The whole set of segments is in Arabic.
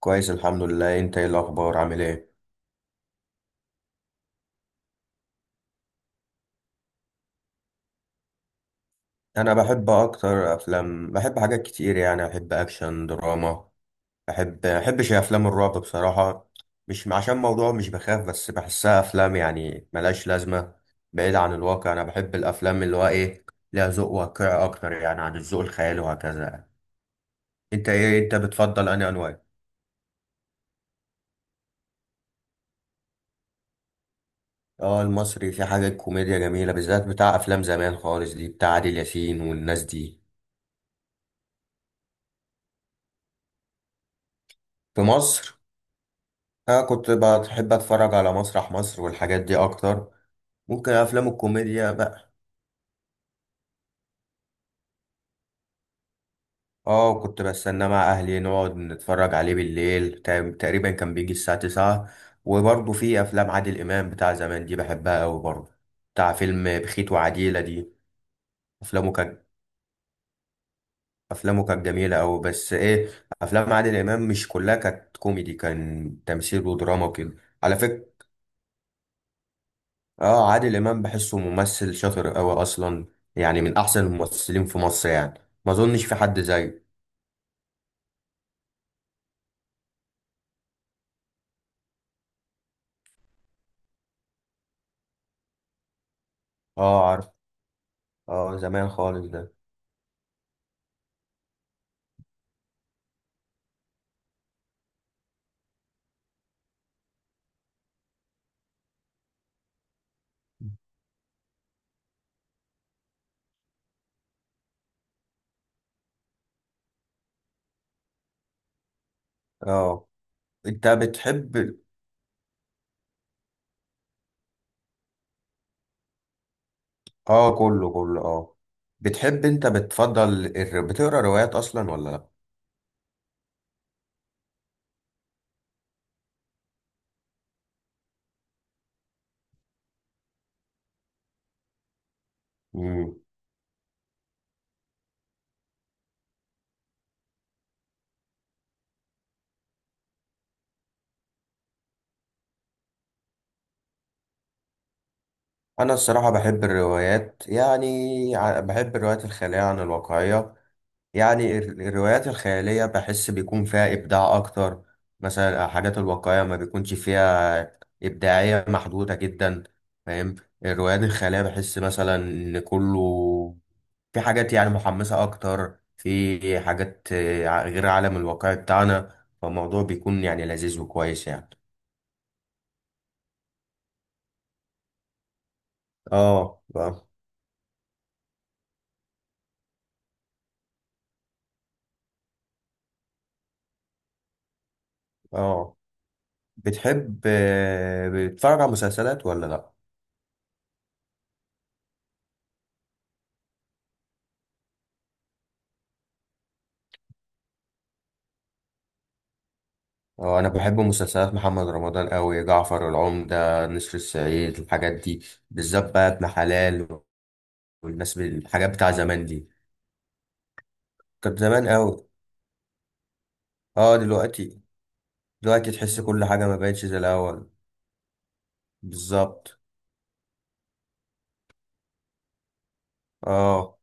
كويس الحمد لله. انت ايه الاخبار؟ عامل ايه؟ انا بحب اكتر افلام، بحب حاجات كتير يعني. احب اكشن، دراما. احبش افلام الرعب بصراحه، مش عشان موضوع، مش بخاف بس بحسها افلام يعني ملهاش لازمه، بعيد عن الواقع. انا بحب الافلام اللي هو ايه، ليها ذوق واقعي اكتر يعني عن الذوق الخيالي، وهكذا يعني. انت ايه، انت بتفضل انهي انواع؟ اه المصري في حاجه كوميديا جميله، بالذات بتاع افلام زمان خالص دي، بتاع عادل ياسين والناس دي. في مصر، أنا كنت بحب أتفرج على مسرح مصر والحاجات دي أكتر، ممكن أفلام الكوميديا بقى. آه كنت بستناه مع أهلي نقعد نتفرج عليه بالليل، تقريبا كان بيجي الساعة 9. وبرضه في أفلام عادل إمام بتاع زمان دي بحبها أوي برضه، بتاع فيلم بخيت وعديلة دي. أفلامه كانت أفلامه كانت جميلة أوي، بس إيه، أفلام عادل إمام مش كلها كانت كوميدي، كان تمثيل ودراما وكده. على فكرة اه عادل امام بحسه ممثل شاطر قوي اصلا، يعني من احسن الممثلين في مصر يعني، ما اظنش في حد زيه. اه عارف، اه زمان خالص ده. اه. انت بتحب. اه كله كله اه. بتحب، انت بتفضل بتقرا روايات اصلا ولا لا؟ مم. انا الصراحه بحب الروايات يعني، بحب الروايات الخياليه عن الواقعيه. يعني الروايات الخيالية بحس بيكون فيها إبداع أكتر. مثلا الحاجات الواقعية ما بيكونش فيها إبداعية، محدودة جدا، فاهم. الروايات الخيالية بحس مثلا إن كله في حاجات يعني محمسة أكتر، في حاجات غير العالم الواقعي بتاعنا، فالموضوع بيكون يعني لذيذ وكويس يعني. آه آه. آه. بتحب بتتفرج على مسلسلات ولا لأ؟ اه انا بحب مسلسلات محمد رمضان قوي، جعفر العمدة، نسر الصعيد، الحاجات دي، بالذات بقى ابن حلال. والناس الحاجات بتاع زمان دي كانت زمان قوي. اه دلوقتي دلوقتي تحس كل حاجة ما بقتش زي الاول. بالظبط. اه.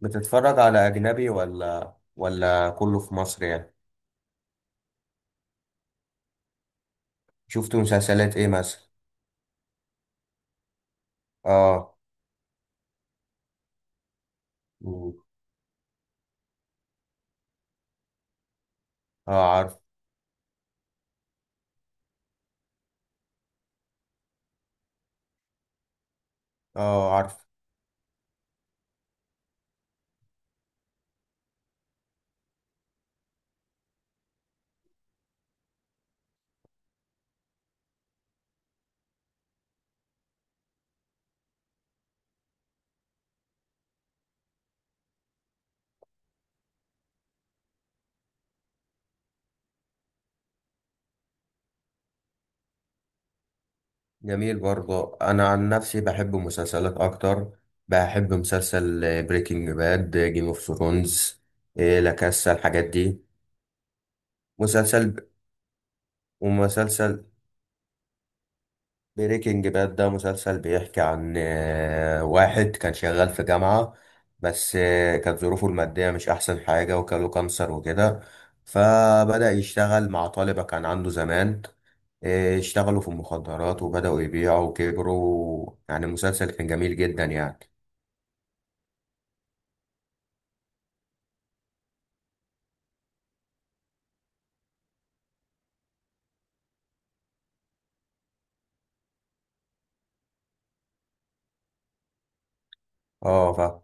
بتتفرج على اجنبي ولا كله في مصر يعني؟ شفت مسلسلات ايه مثلا؟ اه. مم. اه عارف. اه عارف. جميل برضه، انا عن نفسي بحب مسلسلات اكتر. بحب مسلسل بريكنج باد، جيم اوف ثرونز، لا كاسا، الحاجات دي. مسلسل. ومسلسل بريكنج باد ده مسلسل بيحكي عن واحد كان شغال في جامعة، بس كانت ظروفه المادية مش احسن حاجة، وكان له كانسر وكده، فبدأ يشتغل مع طالبة كان عنده زمان. اشتغلوا في المخدرات وبدأوا يبيعوا وكبروا، يعني المسلسل كان جميل جدا يعني. اه فاهم.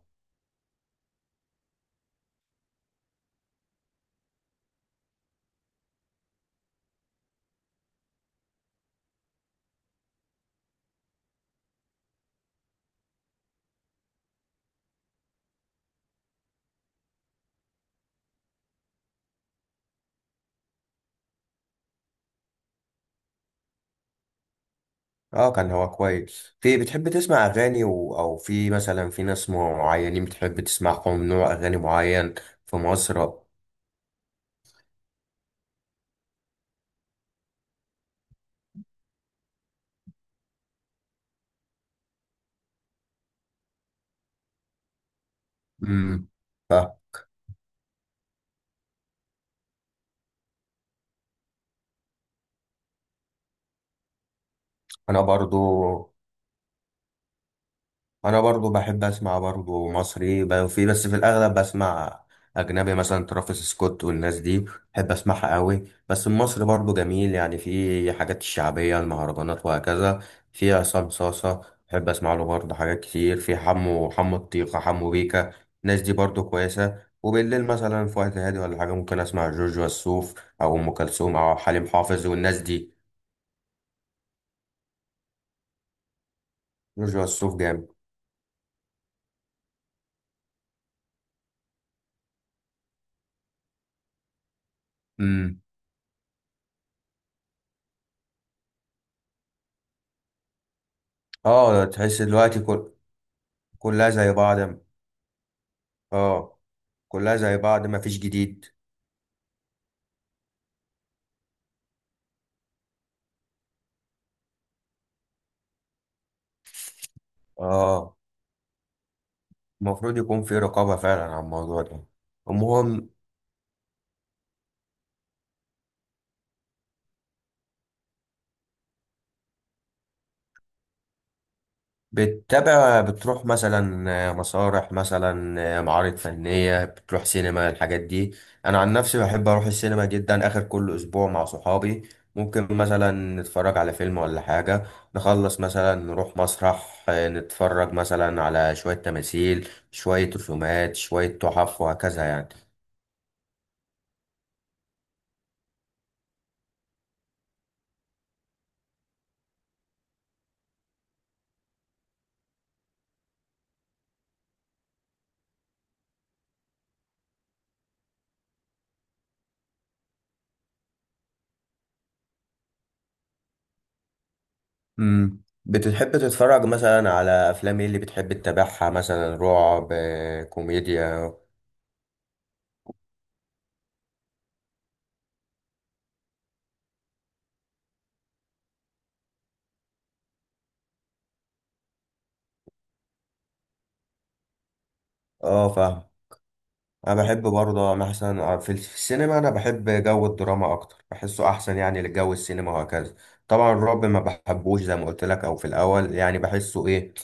اه كان هو كويس. في، بتحب تسمع اغاني او في مثلا في ناس معينين بتحب تسمعهم نوع اغاني معين؟ في مصر. امم. فاهم. انا برضو انا برضو بحب اسمع برضو مصري، في بس في الاغلب بسمع اجنبي، مثلا ترافيس سكوت والناس دي، بحب اسمعها قوي. بس المصري برضو جميل يعني، في حاجات الشعبيه المهرجانات وهكذا، في عصام صاصه بحب اسمع له برضو، حاجات كتير، في حمو، حمو الطيخه، حمو بيكا، الناس دي برضو كويسه. وبالليل مثلا في وقت هادي ولا حاجه ممكن اسمع جورج وسوف او ام كلثوم او حليم حافظ والناس دي. جورج وسوف جامد. امم. اه تحس دلوقتي كل، كلها زي بعض. اه كلها زي بعض، مفيش جديد. اه المفروض يكون في رقابة فعلا على الموضوع ده. المهم، بتتابع، بتروح مثلا مسارح، مثلا معارض فنية، بتروح سينما، الحاجات دي؟ انا عن نفسي بحب اروح السينما جدا اخر كل اسبوع مع صحابي، ممكن مثلا نتفرج على فيلم ولا حاجة، نخلص مثلا نروح مسرح نتفرج مثلا على شوية تماثيل، شوية رسومات، شوية تحف، وهكذا يعني. امم. بتحب تتفرج مثلا على افلام ايه اللي بتحب تتابعها؟ مثلا رعب، كوميديا؟ اه فاهم. انا بحب برضه، انا مثلا في السينما انا بحب جو الدراما اكتر، بحسه احسن يعني لجو السينما وهكذا. طبعا الرعب ما بحبوش زي ما قلت لك او في الاول، يعني بحسه ايه،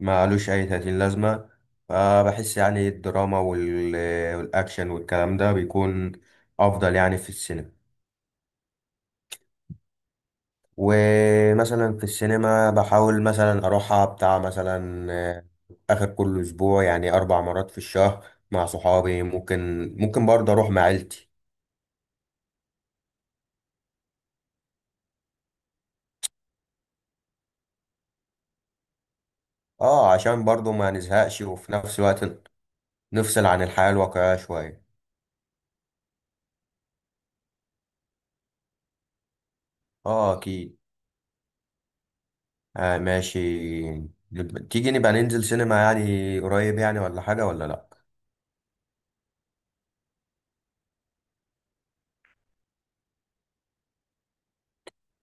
ما قالوش اي تأتين لازمة، فبحس يعني الدراما والاكشن والكلام ده بيكون افضل يعني في السينما. ومثلا في السينما بحاول مثلا اروحها بتاع مثلا اخر كل اسبوع، يعني 4 مرات في الشهر مع صحابي. ممكن، ممكن برضه اروح مع عيلتي. اه عشان برضه ما نزهقش وفي نفس الوقت نفصل عن الحياة الواقعية شوية. اه اكيد. آه ماشي. تيجي نبقى ننزل سينما يعني قريب يعني، ولا حاجة ولا لا؟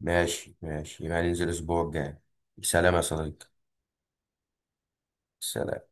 ماشي ماشي، يبقى ننزل الاسبوع الجاي. سلام يا صديقي. سلام.